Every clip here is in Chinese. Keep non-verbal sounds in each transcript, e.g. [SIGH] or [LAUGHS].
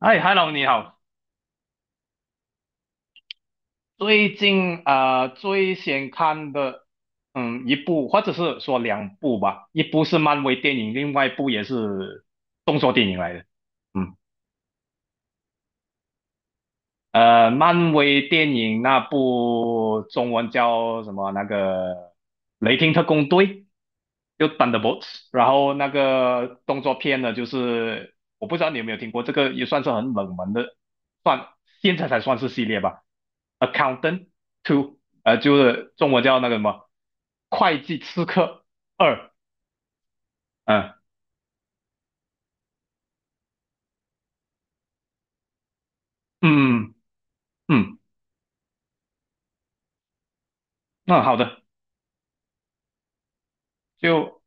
嗨 hello 你好。最近啊，最先看的，一部或者是说两部吧，一部是漫威电影，另外一部也是动作电影来的。嗯，漫威电影那部中文叫什么？那个《雷霆特工队》就 t 的 bolts 然后那个动作片呢，就是我不知道你有没有听过，这个也算是很冷门的，算现在才算是系列吧。Accountant Two，就是中文叫那个什么会计刺客二，嗯嗯嗯，那、好的，就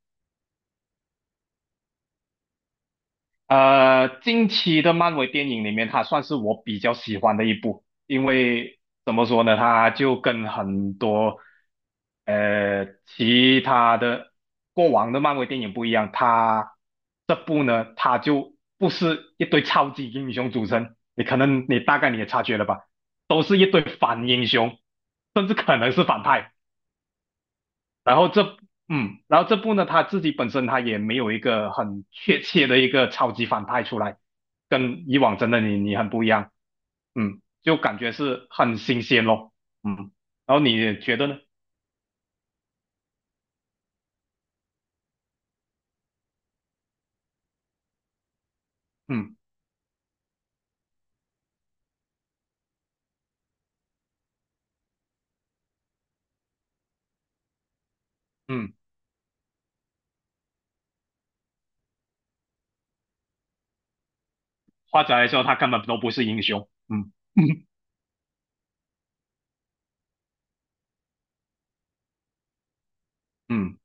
近期的漫威电影里面，它算是我比较喜欢的一部，因为怎么说呢，它就跟很多其他的过往的漫威电影不一样，它这部呢，它就不是一堆超级英雄组成，你可能你大概你也察觉了吧，都是一堆反英雄，甚至可能是反派。然后这嗯，然后这部呢，他自己本身他也没有一个很确切的一个超级反派出来，跟以往真的你很不一样，就感觉是很新鲜咯，嗯，然后你觉得呢？嗯嗯，或者来说他根本都不是英雄，嗯嗯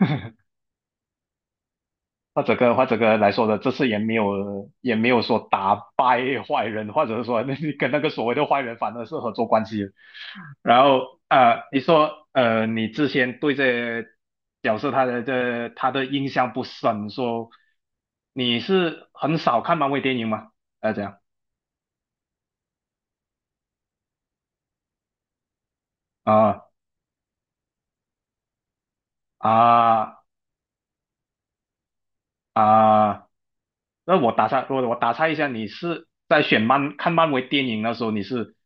嗯。[LAUGHS] 或者来说的，这次也没有说打败坏人，或者是说那你跟 [LAUGHS] 那个所谓的坏人反而是合作关系。然后你说你之前对这角色他的印象不深，说你是很少看漫威电影吗？这样啊啊啊那我打岔，我打岔一下，你是在选漫看漫威电影的时候，你是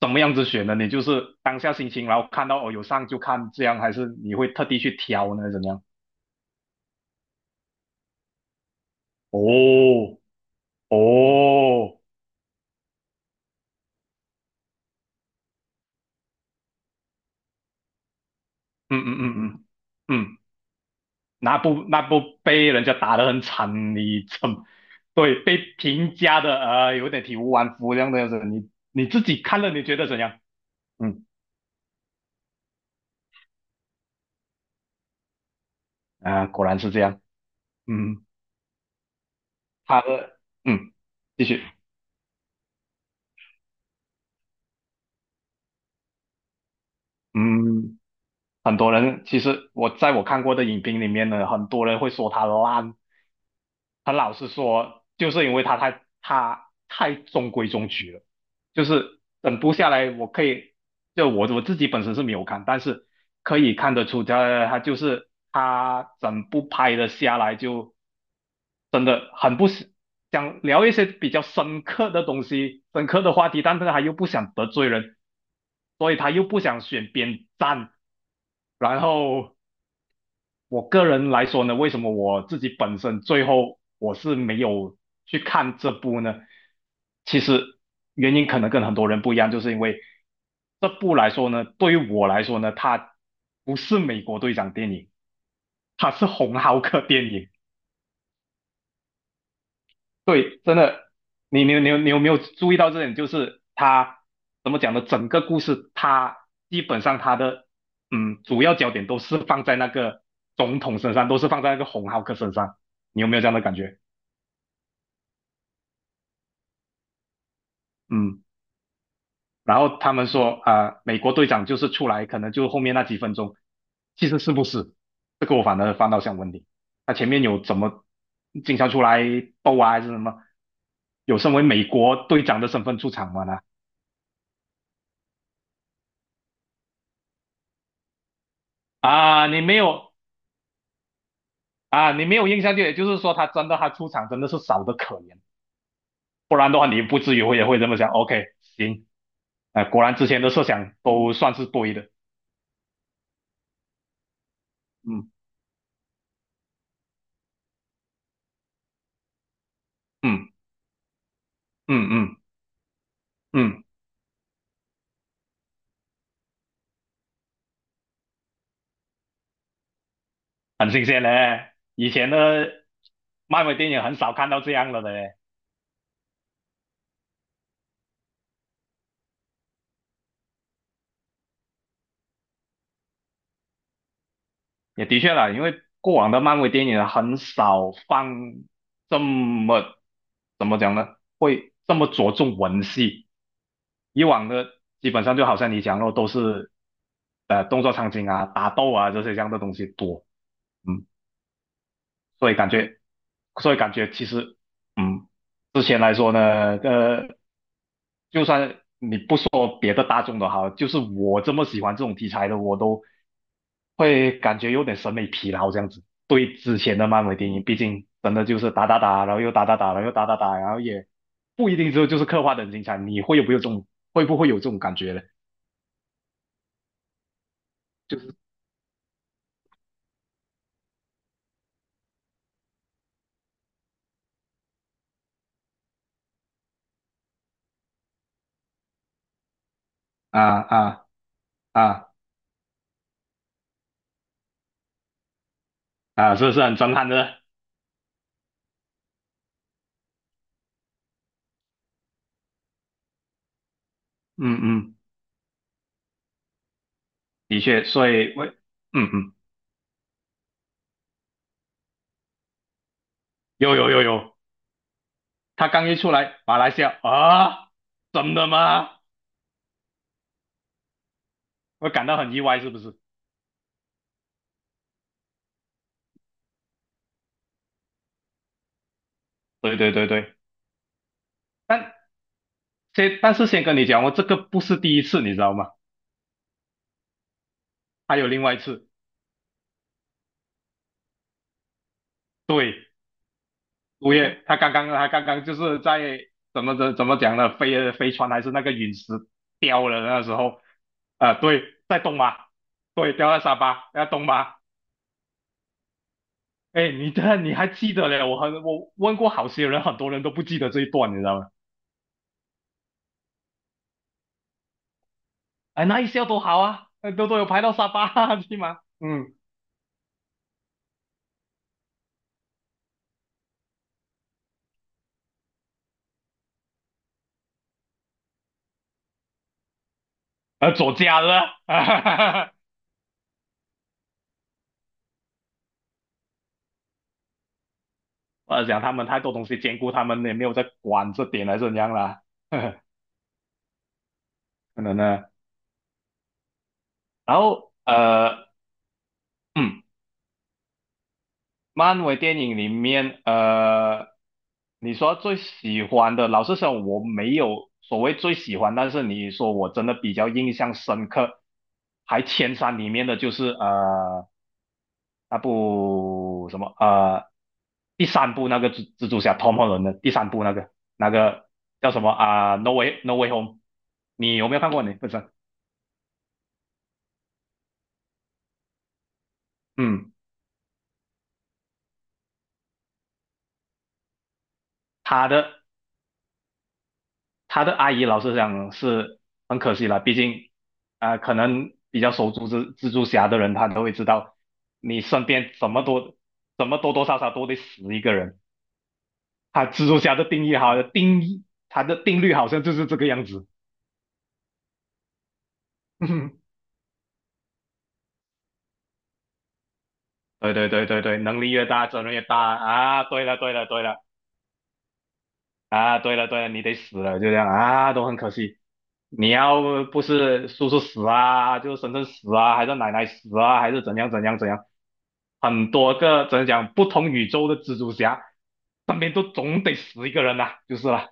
怎么样子选的？你就是当下心情，然后看到哦有上就看这样，还是你会特地去挑呢？怎么样？哦哦，哦哦哦嗯嗯嗯嗯嗯，嗯嗯那不被人家打得很惨，你怎么对被评价的有点体无完肤这样的样子？你自己看了你觉得怎样？嗯啊，果然是这样。嗯，他的嗯，继续。嗯，很多人其实我在我看过的影评里面呢，很多人会说他烂，很老实说，就是因为他太中规中矩了。就是整部下来，我可以就我自己本身是没有看，但是可以看得出他就是他整部拍的下来就真的很不想想聊一些比较深刻的东西、深刻的话题，但是他又不想得罪人，所以他又不想选边站，然后。我个人来说呢，为什么我自己本身最后我是没有去看这部呢？其实原因可能跟很多人不一样，就是因为这部来说呢，对于我来说呢，它不是美国队长电影，它是红浩克电影。对，真的，你有没有注意到这点？就是他怎么讲的，整个故事他基本上他的主要焦点都是放在那个总统身上，都是放在那个红浩克身上。你有没有这样的感觉？嗯，然后他们说啊、美国队长就是出来，可能就后面那几分钟，其实是不是？这个我反而反倒想问你，他前面有怎么经常出来斗啊，还是什么？有身为美国队长的身份出场吗？呢？啊，你没有，啊，你没有印象就也就是说他真的他出场真的是少得可怜，不然的话你不至于会也会这么想。OK，行，啊、果然之前的设想都算是对的，嗯嗯嗯嗯嗯，嗯很新鲜嘞，以前的漫威电影很少看到这样了的嘞，也的确啦，因为过往的漫威电影很少放这么怎么讲呢，会这么着重文戏。以往的基本上就好像你讲的都是动作场景啊、打斗啊这些这样的东西多，嗯，所以感觉，所以感觉其实，嗯，之前来说呢，就算你不说别的大众的哈，就是我这么喜欢这种题材的，我都会感觉有点审美疲劳这样子。对之前的漫威电影，毕竟真的就是打打打，然后又打打打，然后又打打打，然后也不一定就是刻画的很精彩。你会有没有这种，会不会有这种感觉呢？就是啊啊啊啊，是，是很震撼的，嗯嗯，的确，所以我嗯，有有有有，他刚一出来，马来西亚啊，真的吗？我感到很意外，是不是？对对对对，但但是先跟你讲，我这个不是第一次，你知道吗？还有另外一次，对，五月他刚刚就是在怎么讲呢？飞船还是那个陨石掉了那时候，啊、对，在东马，对，掉在沙巴，在东马。哎，你这你还记得嘞？我问过好些人，很多人都不记得这一段，你知道吗？哎，那一下多好啊，都有排到沙巴去 [LAUGHS] 吗？嗯，左家了，[LAUGHS] 哈哈哈哈我想他们太多东西兼顾，他们也没有在管这点还是怎样啦，[LAUGHS] 可能呢。然后嗯，漫威电影里面，你说最喜欢的，老实说，我没有所谓最喜欢，但是你说我真的比较印象深刻，还前三里面的就是那部什么第三部那个蜘蛛侠 Tom Holland 的第三部那个那个叫什么啊、No Way Home，你有没有看过你？不是，嗯，他的他的阿姨老实讲是很可惜了，毕竟啊、可能比较熟知蜘蛛侠的人，他都会知道你身边怎么多怎么多多少少都得死一个人。他蜘蛛侠的定义好像定义，他的定律好像就是这个样子。[LAUGHS] 对对对对对，能力越大，责任越大啊！对了对了对了。啊，对了对了，你得死了，就这样啊，都很可惜。你要不是叔叔死啊，就是婶婶死啊，还是奶奶死啊，还是怎样怎样怎样，很多个怎样讲不同宇宙的蜘蛛侠，身边都总得死一个人呐、就是了。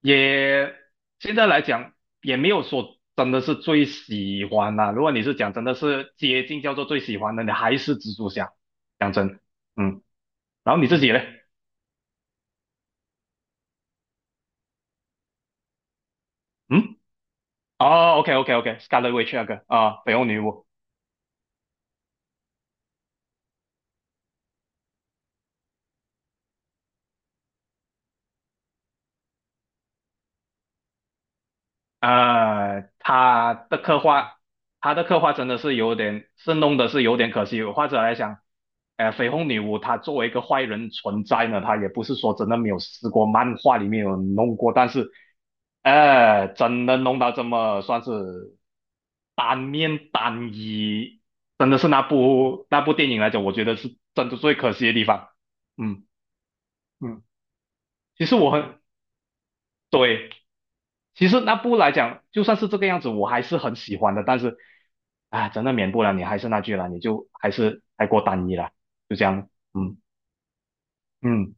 也现在来讲，也没有说真的是最喜欢呐、如果你是讲真的是接近叫做最喜欢的，你还是蜘蛛侠，讲真，嗯。然后你自己嘞？嗯。哦，OK，OK，OK，Scarlet Witch 那个啊，绯红女巫呃，她的刻画，她的刻画真的是有点，是弄的是有点可惜。或者来讲，绯红女巫她作为一个坏人存在呢，她也不是说真的没有试过，漫画里面有弄过，但是真的弄到这么算是单面单一，真的是那部电影来讲，我觉得是真的最可惜的地方。嗯嗯，其实我很对。其实那部来讲，就算是这个样子，我还是很喜欢的。但是，啊，真的免不了你还是那句了，你就还是太过单一了，就这样。嗯嗯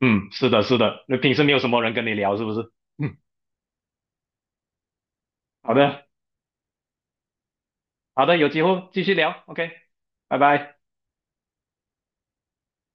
嗯，是的，是的。那平时没有什么人跟你聊，是不是？嗯，好的，好的，有机会继续聊。OK，拜拜。